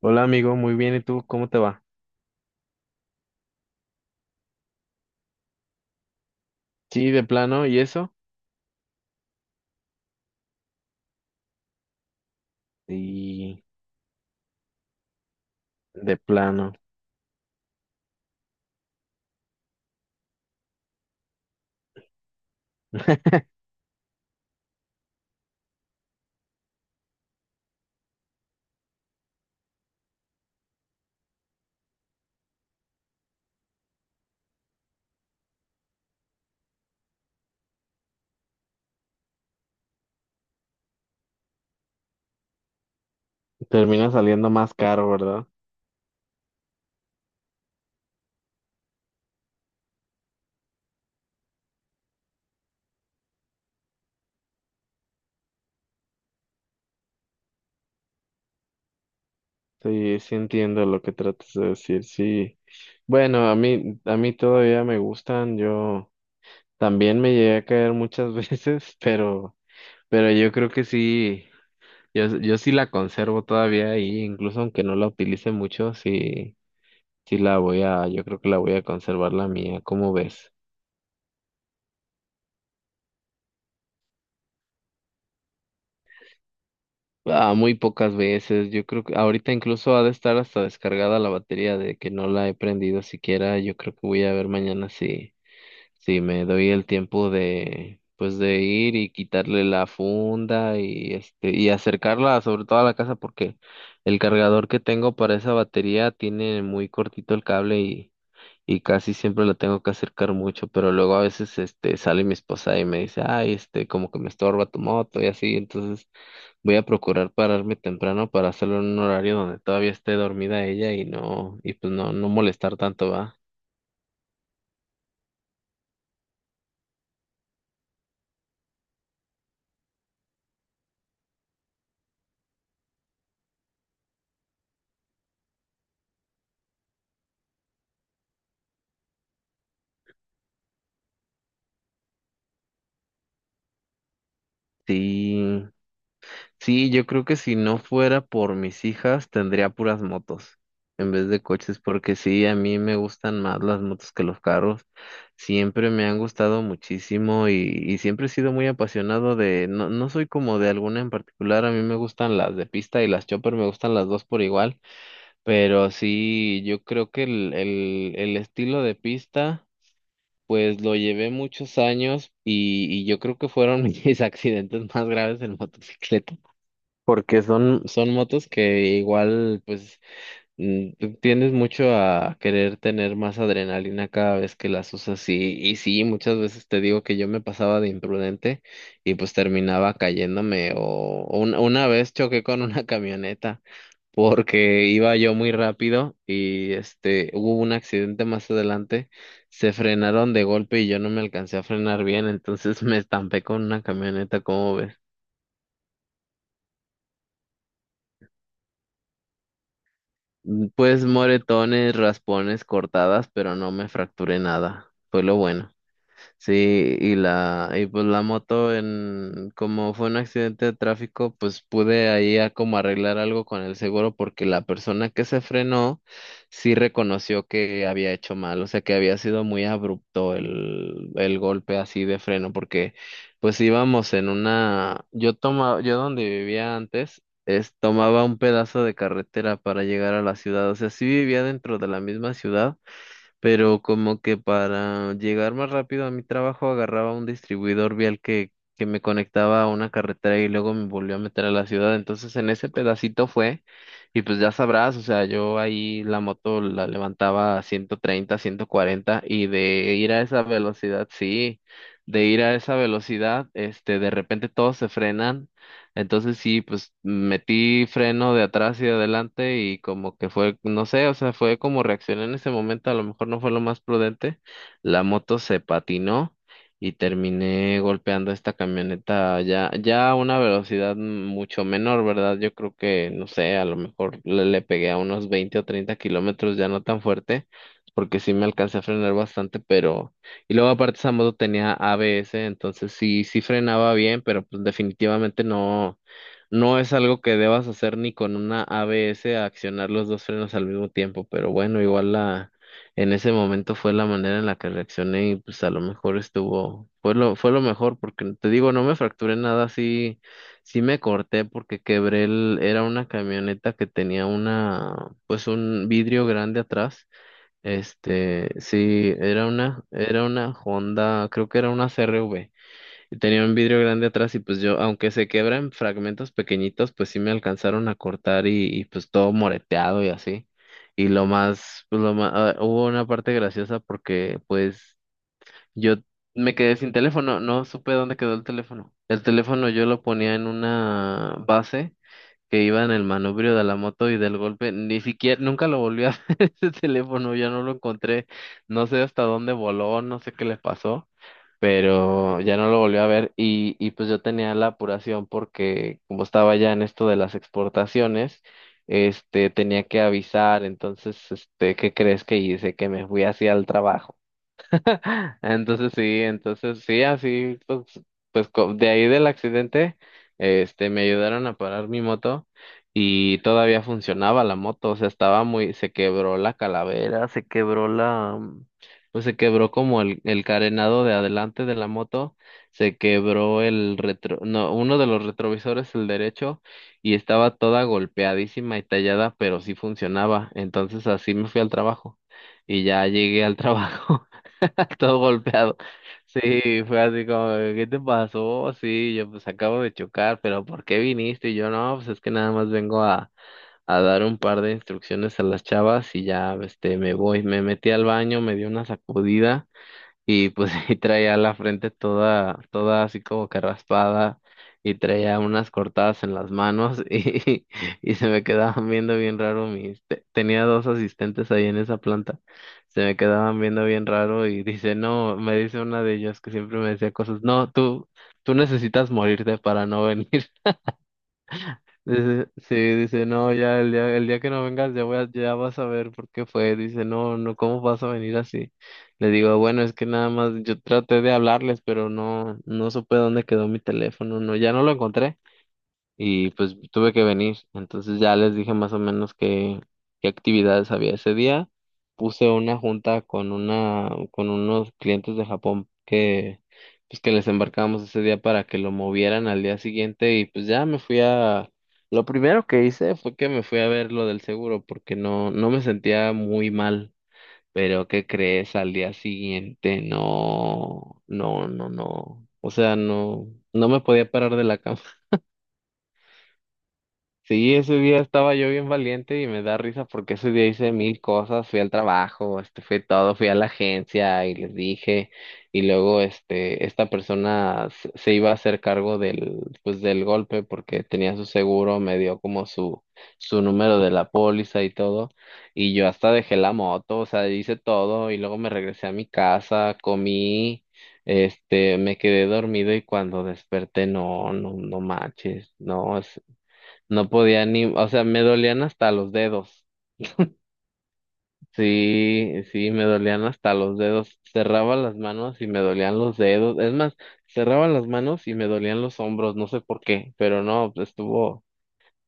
Hola amigo, muy bien, ¿y tú? ¿Cómo te va? Sí, de plano, ¿y eso? Sí, de plano. Termina saliendo más caro, ¿verdad? Sí, sí entiendo lo que tratas de decir, sí. Bueno, a mí todavía me gustan, yo también me llegué a caer muchas veces, pero yo creo que sí, yo sí la conservo todavía y incluso aunque no la utilice mucho, sí, sí la voy a, yo creo que la voy a conservar la mía, ¿cómo ves? Ah, muy pocas veces. Yo creo que ahorita incluso ha de estar hasta descargada la batería de que no la he prendido siquiera. Yo creo que voy a ver mañana si me doy el tiempo de, pues de ir y quitarle la funda y este, y acercarla sobre todo a la casa porque el cargador que tengo para esa batería tiene muy cortito el cable y casi siempre lo tengo que acercar mucho, pero luego a veces este sale mi esposa y me dice, ay, este, como que me estorba tu moto y así. Entonces voy a procurar pararme temprano para hacerlo en un horario donde todavía esté dormida ella y no, y pues no, no molestar tanto, ¿va? Sí, sí, yo creo que si no fuera por mis hijas, tendría puras motos en vez de coches, porque sí, a mí me gustan más las motos que los carros. Siempre me han gustado muchísimo y siempre he sido muy apasionado de, no, no soy como de alguna en particular, a mí me gustan las de pista y las chopper, me gustan las dos por igual. Pero sí, yo creo que el estilo de pista, pues lo llevé muchos años y yo creo que fueron mis accidentes más graves en motocicleta, porque son motos que igual, pues, tú tiendes mucho a querer tener más adrenalina cada vez que las usas y sí, muchas veces te digo que yo me pasaba de imprudente y pues terminaba cayéndome o una vez choqué con una camioneta porque iba yo muy rápido y este hubo un accidente más adelante, se frenaron de golpe y yo no me alcancé a frenar bien, entonces me estampé con una camioneta, ¿cómo ves? Pues moretones, raspones, cortadas, pero no me fracturé nada, fue lo bueno. Sí, y pues la moto en, como fue un accidente de tráfico, pues pude ahí a como arreglar algo con el seguro porque la persona que se frenó sí reconoció que había hecho mal, o sea que había sido muy abrupto el golpe así de freno porque pues íbamos en una, yo tomaba, yo donde vivía antes, es, tomaba un pedazo de carretera para llegar a la ciudad, o sea sí vivía dentro de la misma ciudad pero como que para llegar más rápido a mi trabajo agarraba un distribuidor vial que me conectaba a una carretera y luego me volvió a meter a la ciudad. Entonces en ese pedacito fue, y pues ya sabrás, o sea, yo ahí la moto la levantaba a 130, 140 y de ir a esa velocidad, sí, de ir a esa velocidad, este, de repente todos se frenan, entonces sí, pues metí freno de atrás y de adelante y como que fue, no sé, o sea, fue como reaccioné en ese momento, a lo mejor no fue lo más prudente. La moto se patinó y terminé golpeando esta camioneta ya, ya a una velocidad mucho menor, ¿verdad? Yo creo que, no sé, a lo mejor le pegué a unos 20 o 30 kilómetros, ya no tan fuerte, porque sí me alcancé a frenar bastante. Pero y luego aparte esa moto tenía ABS, entonces sí, sí frenaba bien, pero pues definitivamente no, no es algo que debas hacer ni con una ABS, accionar los dos frenos al mismo tiempo. Pero bueno, igual la, en ese momento fue la manera en la que reaccioné y pues a lo mejor estuvo, fue lo mejor, porque te digo, no me fracturé nada, sí, sí me corté porque quebré el, era una, camioneta que tenía pues un vidrio grande atrás, este, sí, era una Honda, creo que era una CRV, y tenía un vidrio grande atrás y pues yo, aunque se quebra en fragmentos pequeñitos, pues sí me alcanzaron a cortar y, pues todo moreteado y así. Y lo más, pues lo más, ah, hubo una parte graciosa porque pues yo me quedé sin teléfono, no supe dónde quedó el teléfono. El teléfono yo lo ponía en una base que iba en el manubrio de la moto y del golpe, ni siquiera, nunca lo volví a ver ese teléfono, ya no lo encontré, no sé hasta dónde voló, no sé qué le pasó, pero ya no lo volví a ver y pues yo tenía la apuración porque como estaba ya en esto de las exportaciones, este, tenía que avisar. Entonces, ¿qué crees que hice? Que me fui hacia el trabajo. Entonces sí, así, pues, pues de ahí del accidente, este, me ayudaron a parar mi moto y todavía funcionaba la moto, o sea, estaba muy, se quebró la calavera, se quebró la, pues se quebró como el carenado de adelante de la moto, se quebró el retro, no, uno de los retrovisores, el derecho, y estaba toda golpeadísima y tallada, pero sí funcionaba, entonces así me fui al trabajo y ya llegué al trabajo. Todo golpeado. Sí, fue así como, ¿qué te pasó? Sí, yo pues acabo de chocar, pero ¿por qué viniste? Y yo no, pues es que nada más vengo a dar un par de instrucciones a las chavas y ya, este, me voy. Me metí al baño, me dio una sacudida y pues y traía la frente toda, toda así como que raspada y traía unas cortadas en las manos y se me quedaban viendo bien raro tenía dos asistentes ahí en esa planta, se me quedaban viendo bien raro y dice, no, me dice una de ellas que siempre me decía cosas, no, tú necesitas morirte para no venir. Sí, dice, no, ya el día que no vengas ya vas a ver por qué fue. Dice, no, no, ¿cómo vas a venir así? Le digo, bueno, es que nada más yo traté de hablarles, pero no, no supe dónde quedó mi teléfono, no, ya no lo encontré y pues tuve que venir. Entonces ya les dije más o menos qué, actividades había ese día. Puse una junta con con unos clientes de Japón que, pues que les embarcamos ese día para que lo movieran al día siguiente y pues ya me fui a, lo primero que hice fue que me fui a ver lo del seguro porque no, no me sentía muy mal. Pero ¿qué crees? Al día siguiente, no, no, no, no. O sea, no, no me podía parar de la cama. Sí, ese día estaba yo bien valiente y me da risa porque ese día hice mil cosas, fui al trabajo, este, fui todo, fui a la agencia y les dije, y luego este, esta persona se iba a hacer cargo del, pues del golpe porque tenía su seguro, me dio como su, número de la póliza y todo, y yo hasta dejé la moto, o sea, hice todo, y luego me regresé a mi casa, comí, este, me quedé dormido y cuando desperté, no, no, no manches, no, no podía ni, o sea, me dolían hasta los dedos. Sí, sí, me dolían hasta los dedos. Cerraba las manos y me dolían los dedos. Es más, cerraba las manos y me dolían los hombros, no sé por qué, pero no, pues, estuvo,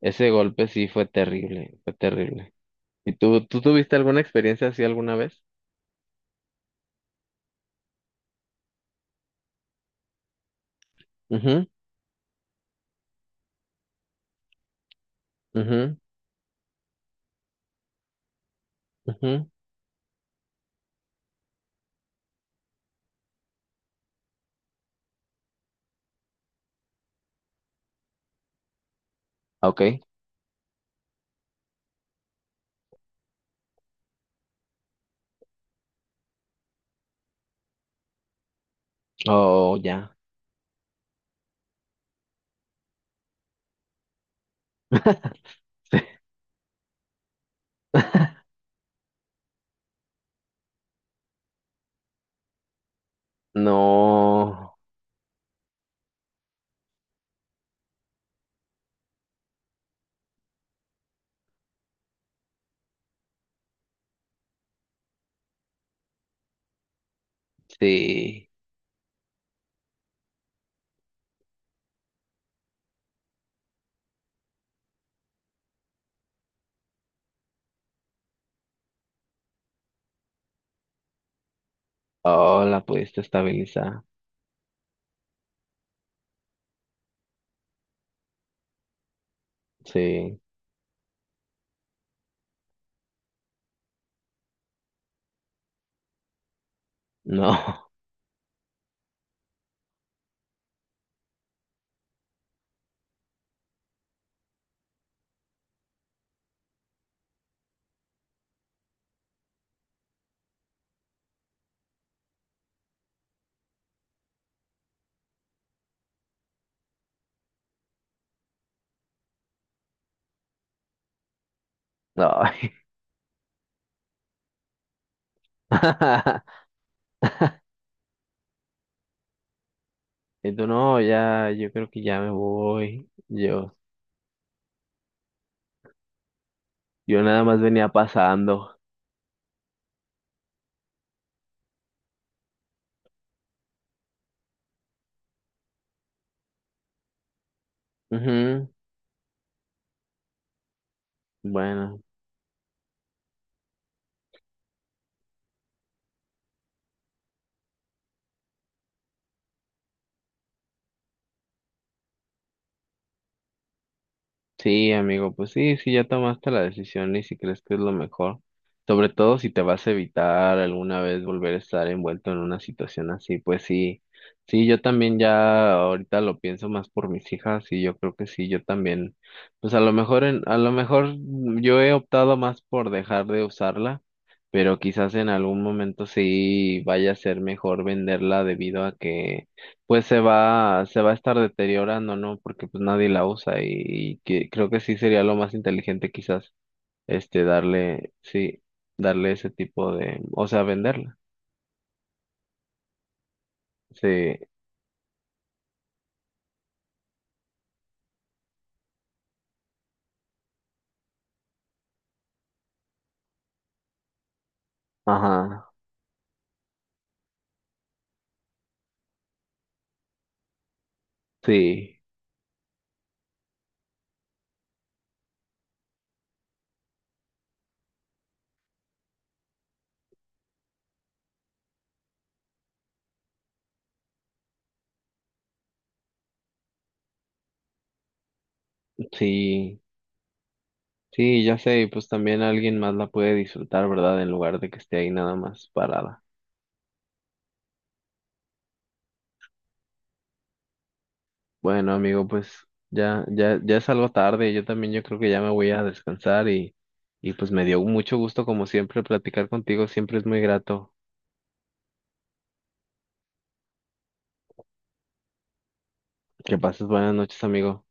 ese golpe sí fue terrible, fue terrible. ¿Y tú tuviste alguna experiencia así alguna vez? Mhm, mhm, mhm. Okay. Oh, ya. No, sí. Oh, la pudiste estabilizar. Sí. No, no. Entonces no, ya, yo creo que ya me voy. Yo nada más venía pasando. Ujú. Bueno. Sí, amigo, pues sí, sí, ya tomaste la decisión y si crees que es lo mejor, sobre todo si te vas a evitar alguna vez volver a estar envuelto en una situación así, pues sí, sí, yo también ya ahorita lo pienso más por mis hijas y yo creo que sí, yo también, pues a lo mejor, en, a lo mejor yo he optado más por dejar de usarla, pero quizás en algún momento sí vaya a ser mejor venderla debido a que pues se va a estar deteriorando, ¿no? Porque pues nadie la usa y que creo que sí sería lo más inteligente quizás, este, darle, sí, darle ese tipo de, o sea, venderla. Sí, ajá, sí, sí, sí, ya sé, y pues también alguien más la puede disfrutar, ¿verdad? En lugar de que esté ahí nada más parada. Bueno, amigo, pues ya, ya, ya es algo tarde, yo también yo creo que ya me voy a descansar y pues me dio mucho gusto como siempre platicar contigo, siempre es muy grato. Que pases buenas noches, amigo.